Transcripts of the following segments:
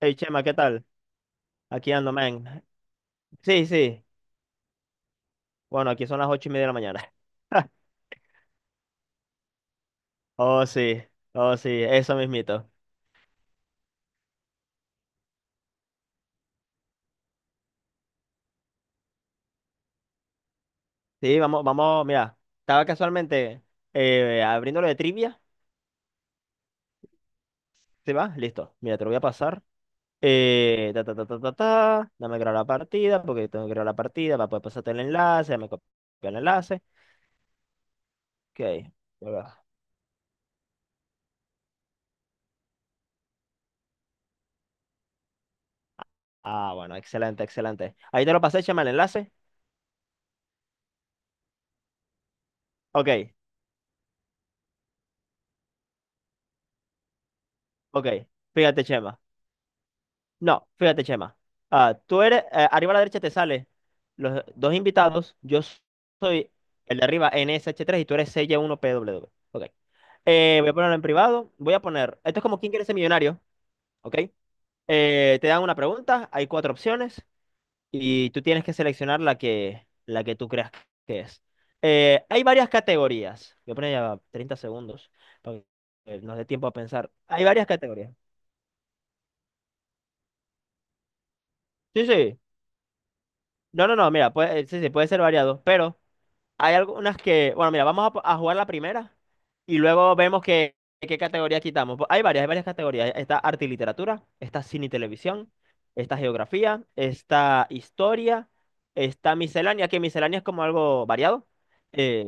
Hey Chema, ¿qué tal? Aquí ando, man. Sí, sí. Bueno, aquí son las 8:30 de la mañana. Oh, sí. Oh, sí. Eso mismito. Sí, vamos, vamos. Mira, estaba casualmente abriendo lo de trivia. ¿Se va? Listo. Mira, te lo voy a pasar. Ta, ta, ta, ta, ta, ta. Dame crear la partida, porque tengo que crear la partida para poder pasarte el enlace. Dame copiar el enlace. Ok. Ah, bueno, excelente, excelente. Ahí te lo pasé, Chema, el enlace. Ok, ok. Fíjate, Chema. No, fíjate, Chema. Ah, tú eres, arriba a la derecha te sale los dos invitados. Yo soy el de arriba NSH3 y tú eres CY1PW. Ok. Voy a ponerlo en privado. Voy a poner, esto es como quién quiere ser millonario, ¿ok? Te dan una pregunta, hay cuatro opciones y tú tienes que seleccionar la que tú creas que es. Hay varias categorías. Voy a poner ya 30 segundos para que nos dé tiempo a pensar. Hay varias categorías. Sí, sí. No, no, no, mira, puede, sí, sí, puede ser variado, pero hay algunas que, bueno, mira, vamos a, a jugar la primera y luego vemos qué categoría quitamos. Pues hay varias categorías. Está arte y literatura, está cine y televisión, está geografía, está historia, está miscelánea, que miscelánea es como algo variado. Eh,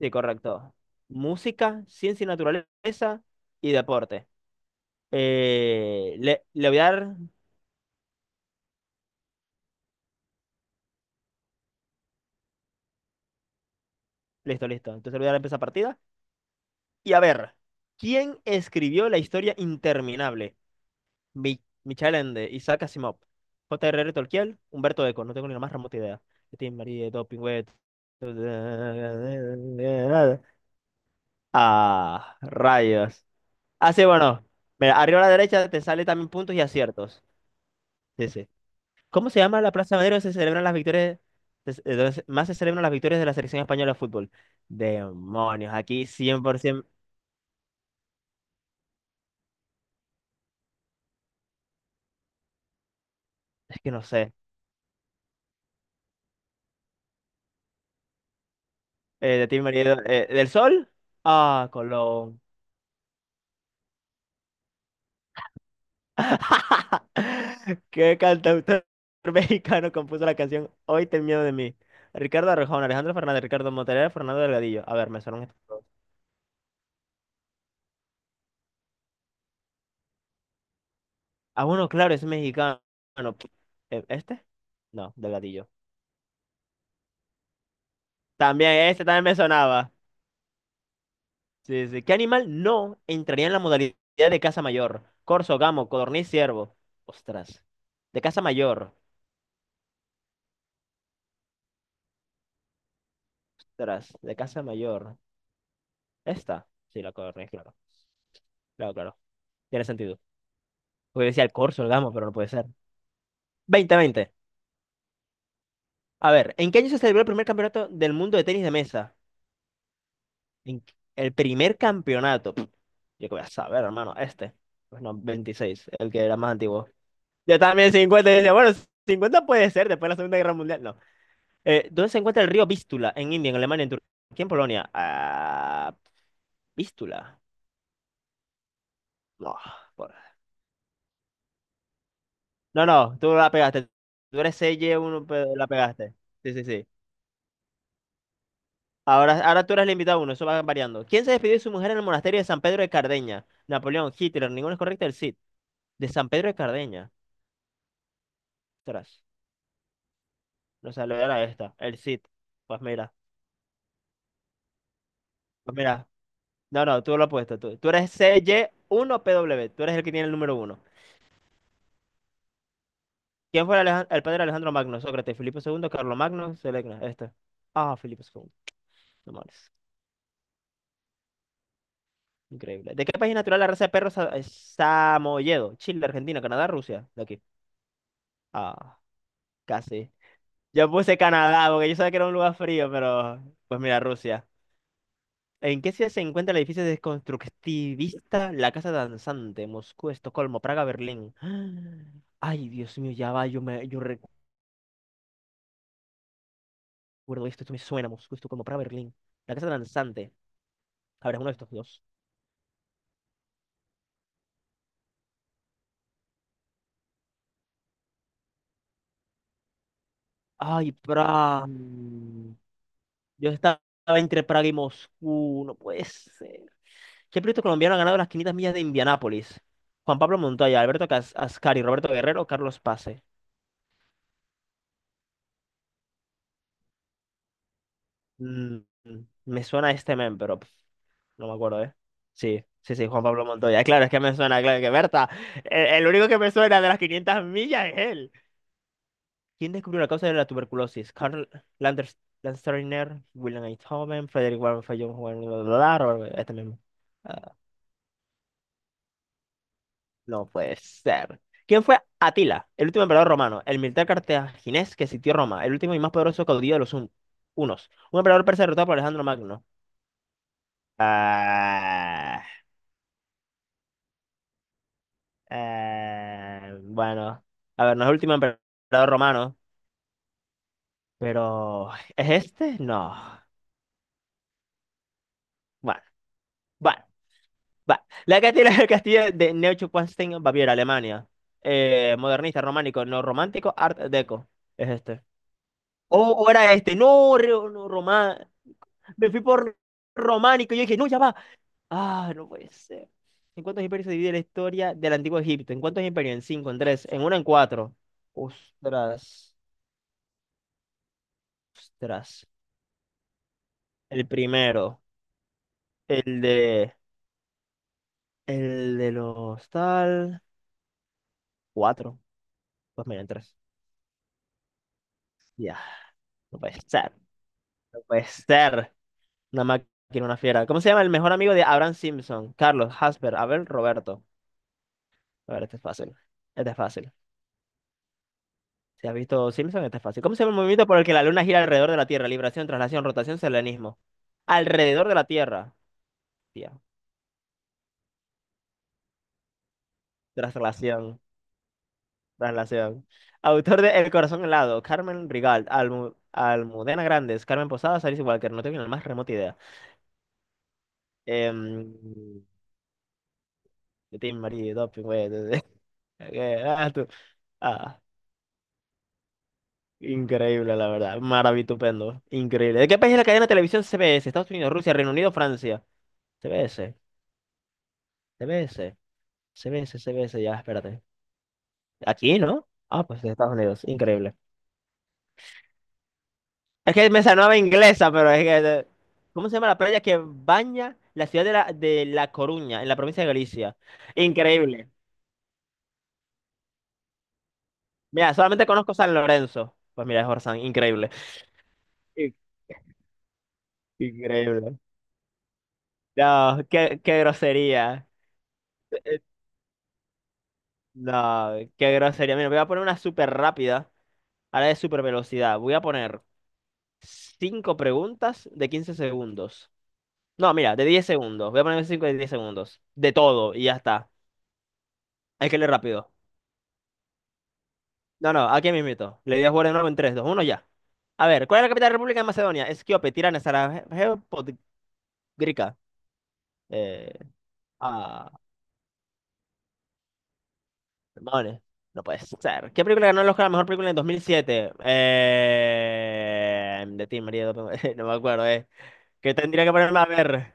sí, correcto. Música, ciencia y naturaleza y deporte. Le voy a dar, listo, listo. Entonces le voy a dar empezar partida. Y a ver, ¿quién escribió la historia interminable? Mi Michel Ende, Isaac Asimov, J.R.R. Tolkien, Humberto Eco, no tengo ni la más remota idea. Tim Marie, Doping Web. Ah, rayos. Así, bueno, mira, arriba a la derecha te sale también puntos y aciertos. Sí, sí. ¿Cómo se llama la Plaza Madero donde se celebran las victorias, donde más se celebran las victorias de la selección española de fútbol? Demonios, aquí 100%, es que no sé. De ti, Marido, ¿del Sol? Ah, Colón. ¿Qué cantautor mexicano compuso la canción Hoy ten miedo de mí? Ricardo Arjona, Alejandro Fernández, Ricardo Montaner, Fernando Delgadillo. A ver, me sonaron estos dos. Ah, bueno, claro, es mexicano. Bueno. ¿Este? No, Delgadillo. También, este también me sonaba. Sí, sí. ¿Qué animal no entraría en la modalidad de caza mayor? Corzo, gamo, codorniz, ciervo. Ostras. De caza mayor. Ostras, de caza mayor. Esta. Sí, la Corne, claro. Claro, claro. Tiene sentido. Porque decía el Corso, el Gamo, pero no puede ser. 20, 20. A ver, ¿en qué año se celebró el primer campeonato del mundo de tenis de mesa? El primer campeonato. Pff, yo qué voy a saber, hermano. Este. Pues no, 26, el que era más antiguo. Yo también 50. Y decía, bueno, 50 puede ser después de la Segunda Guerra Mundial. No. ¿Dónde se encuentra el río Vístula? En India, en Alemania, en Turquía, en Polonia. Ah, Vístula. No, por- No, no, tú la pegaste. Tú eres C y uno, pero la pegaste. Sí, sí, sí. Ahora, ahora tú eres el invitado uno, eso va variando. ¿Quién se despidió de su mujer en el monasterio de San Pedro de Cardeña? Napoleón, Hitler, ninguno es correcto, el Cid. De San Pedro de Cardeña. Ostras, no salió era esta, el Cid. Pues mira, pues mira. No, no, tú lo has puesto. Tú eres C Y uno P W. Tú eres el que tiene el número uno. ¿Quién fue el, el padre de Alejandro Magno? Sócrates, Filipo II, Carlos Magno, Selecna, este. Ah, Filipo II, no males. Increíble. ¿De qué país es natural la raza de perros es Samoyedo? Chile, Argentina, Canadá, Rusia. De aquí. Ah, casi. Yo puse Canadá porque yo sabía que era un lugar frío, pero pues mira, Rusia. ¿En qué ciudad se encuentra el edificio desconstructivista La Casa Danzante? Moscú, Estocolmo, Praga, Berlín. Ay, Dios mío, ya va, yo, me, yo recuerdo esto, esto me suena, Moscú, Estocolmo, Praga, Berlín. La Casa Danzante. A ver, es uno de estos dos. Ay, Praga. Yo estaba entre Praga y Moscú, no puede ser. ¿Qué piloto colombiano ha ganado las 500 millas de Indianápolis? Juan Pablo Montoya, Alberto Ascari, Roberto Guerrero, Carlos Pase. Mm, me suena este men, pero pf, no me acuerdo, ¿eh? Sí, sí, sí, Juan Pablo Montoya. Claro, es que me suena, claro que Berta. El único que me suena de las 500 millas es él. ¿Quién descubrió la causa de la tuberculosis? Karl Landers, Landsteiner, William Einthoven, Frederick Warren Fayón, Juan, bla, bla, bla, este mismo. No puede ser. ¿Quién fue Atila, el último emperador romano, el militar cartaginés que sitió Roma, el último y más poderoso caudillo de los unos? Un emperador persa derrotado por Alejandro Magno. Ah, bueno, a ver, no es el último emperador romano, pero ¿es este? No. Bueno, bueno, bueno. La Castilla del castillo de Neuschwanstein, Baviera, Alemania. Modernista, románico, no romántico, art deco. Es este. O era este, no, román me fui por románico. Y yo dije, no, ya va. Ah, no puede ser. ¿En cuántos imperios se divide la historia del antiguo Egipto? ¿En cuántos imperios? En cinco, en tres, en uno, en cuatro. Ostras, ostras. El primero, el de, el de los tal, cuatro. Pues mira, en tres. Ya, no puede ser, no puede ser. Una máquina, una fiera. ¿Cómo se llama el mejor amigo de Abraham Simpson? Carlos, Hasper, Abel, Roberto. A ver, este es fácil. Este es fácil. Si has visto Simpson, este es fácil. ¿Cómo se llama el movimiento por el que la luna gira alrededor de la Tierra? Libración, traslación, rotación, selenismo. Alrededor de la Tierra. Tía. Traslación. Traslación. Autor de El corazón helado. Carmen Rigal. Almudena Grandes. Carmen Posadas. Alice Walker. No tengo ni la más remota idea. Em, de Tim Marie, Doping, güey. Ah, tú. Ah, increíble, la verdad. Maravitupendo. Increíble. ¿De qué país es la cadena de televisión CBS? Estados Unidos, Rusia, Reino Unido, Francia. CBS. CBS. CBS, CBS, ya, espérate. Aquí, ¿no? Ah, pues de Estados Unidos, increíble. Es que me sonaba inglesa, pero es que... ¿cómo se llama la playa que baña la ciudad de La Coruña, en la provincia de Galicia? Increíble. Mira, solamente conozco San Lorenzo. Pues mira, es Orzán, increíble. In- Increíble. No, qué, qué grosería. Eh, No, qué grosería. Mira, voy a poner una súper rápida, ahora de súper velocidad. Voy a poner cinco preguntas de 15 segundos. No, mira, de 10 segundos. Voy a ponerme 5 de 10 segundos. De todo, y ya está. Hay que leer rápido. No, no, aquí mismito. Le di a jugar de nuevo en tres, dos, uno ya. A ver, ¿cuál es la capital de la República de Macedonia? Esquiope, Tirana, Sarajevo, Podgorica. Eh, ah, hermanes. No puede ser. ¿Qué película ganó el Oscar a la mejor película en 2007? De ti, María. No me acuerdo, eh. Que tendría que ponerme a ver.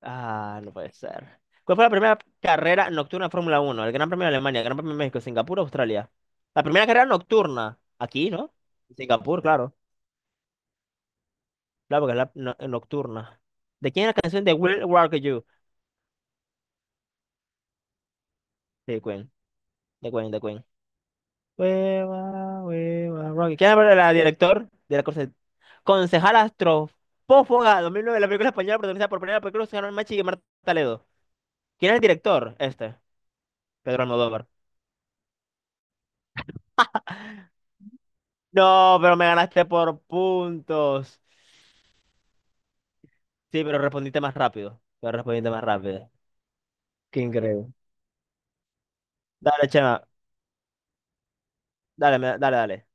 Ah, no puede ser. ¿Cuál fue la primera carrera nocturna de Fórmula Uno? El Gran Premio de Alemania, el Gran Premio de México, Singapur, Australia. La primera carrera nocturna. Aquí, ¿no? En Singapur, claro. Claro, porque es la nocturna. ¿De quién es la canción de Will Rock You? De Queen. De Queen, de Queen. Hueva, hueva, rock you. ¿Quién es la director de la concejal astrofófaga 2009 la película española protagonizada por Penélope Cruz, Machi Machi y Marta Ledo? ¿Quién es el director? Este, Pedro Almodóvar. No, pero me ganaste por puntos. Sí, pero respondiste más rápido. Pero respondiste más rápido. Qué increíble. Dale, Chema. Dale, dale, dale.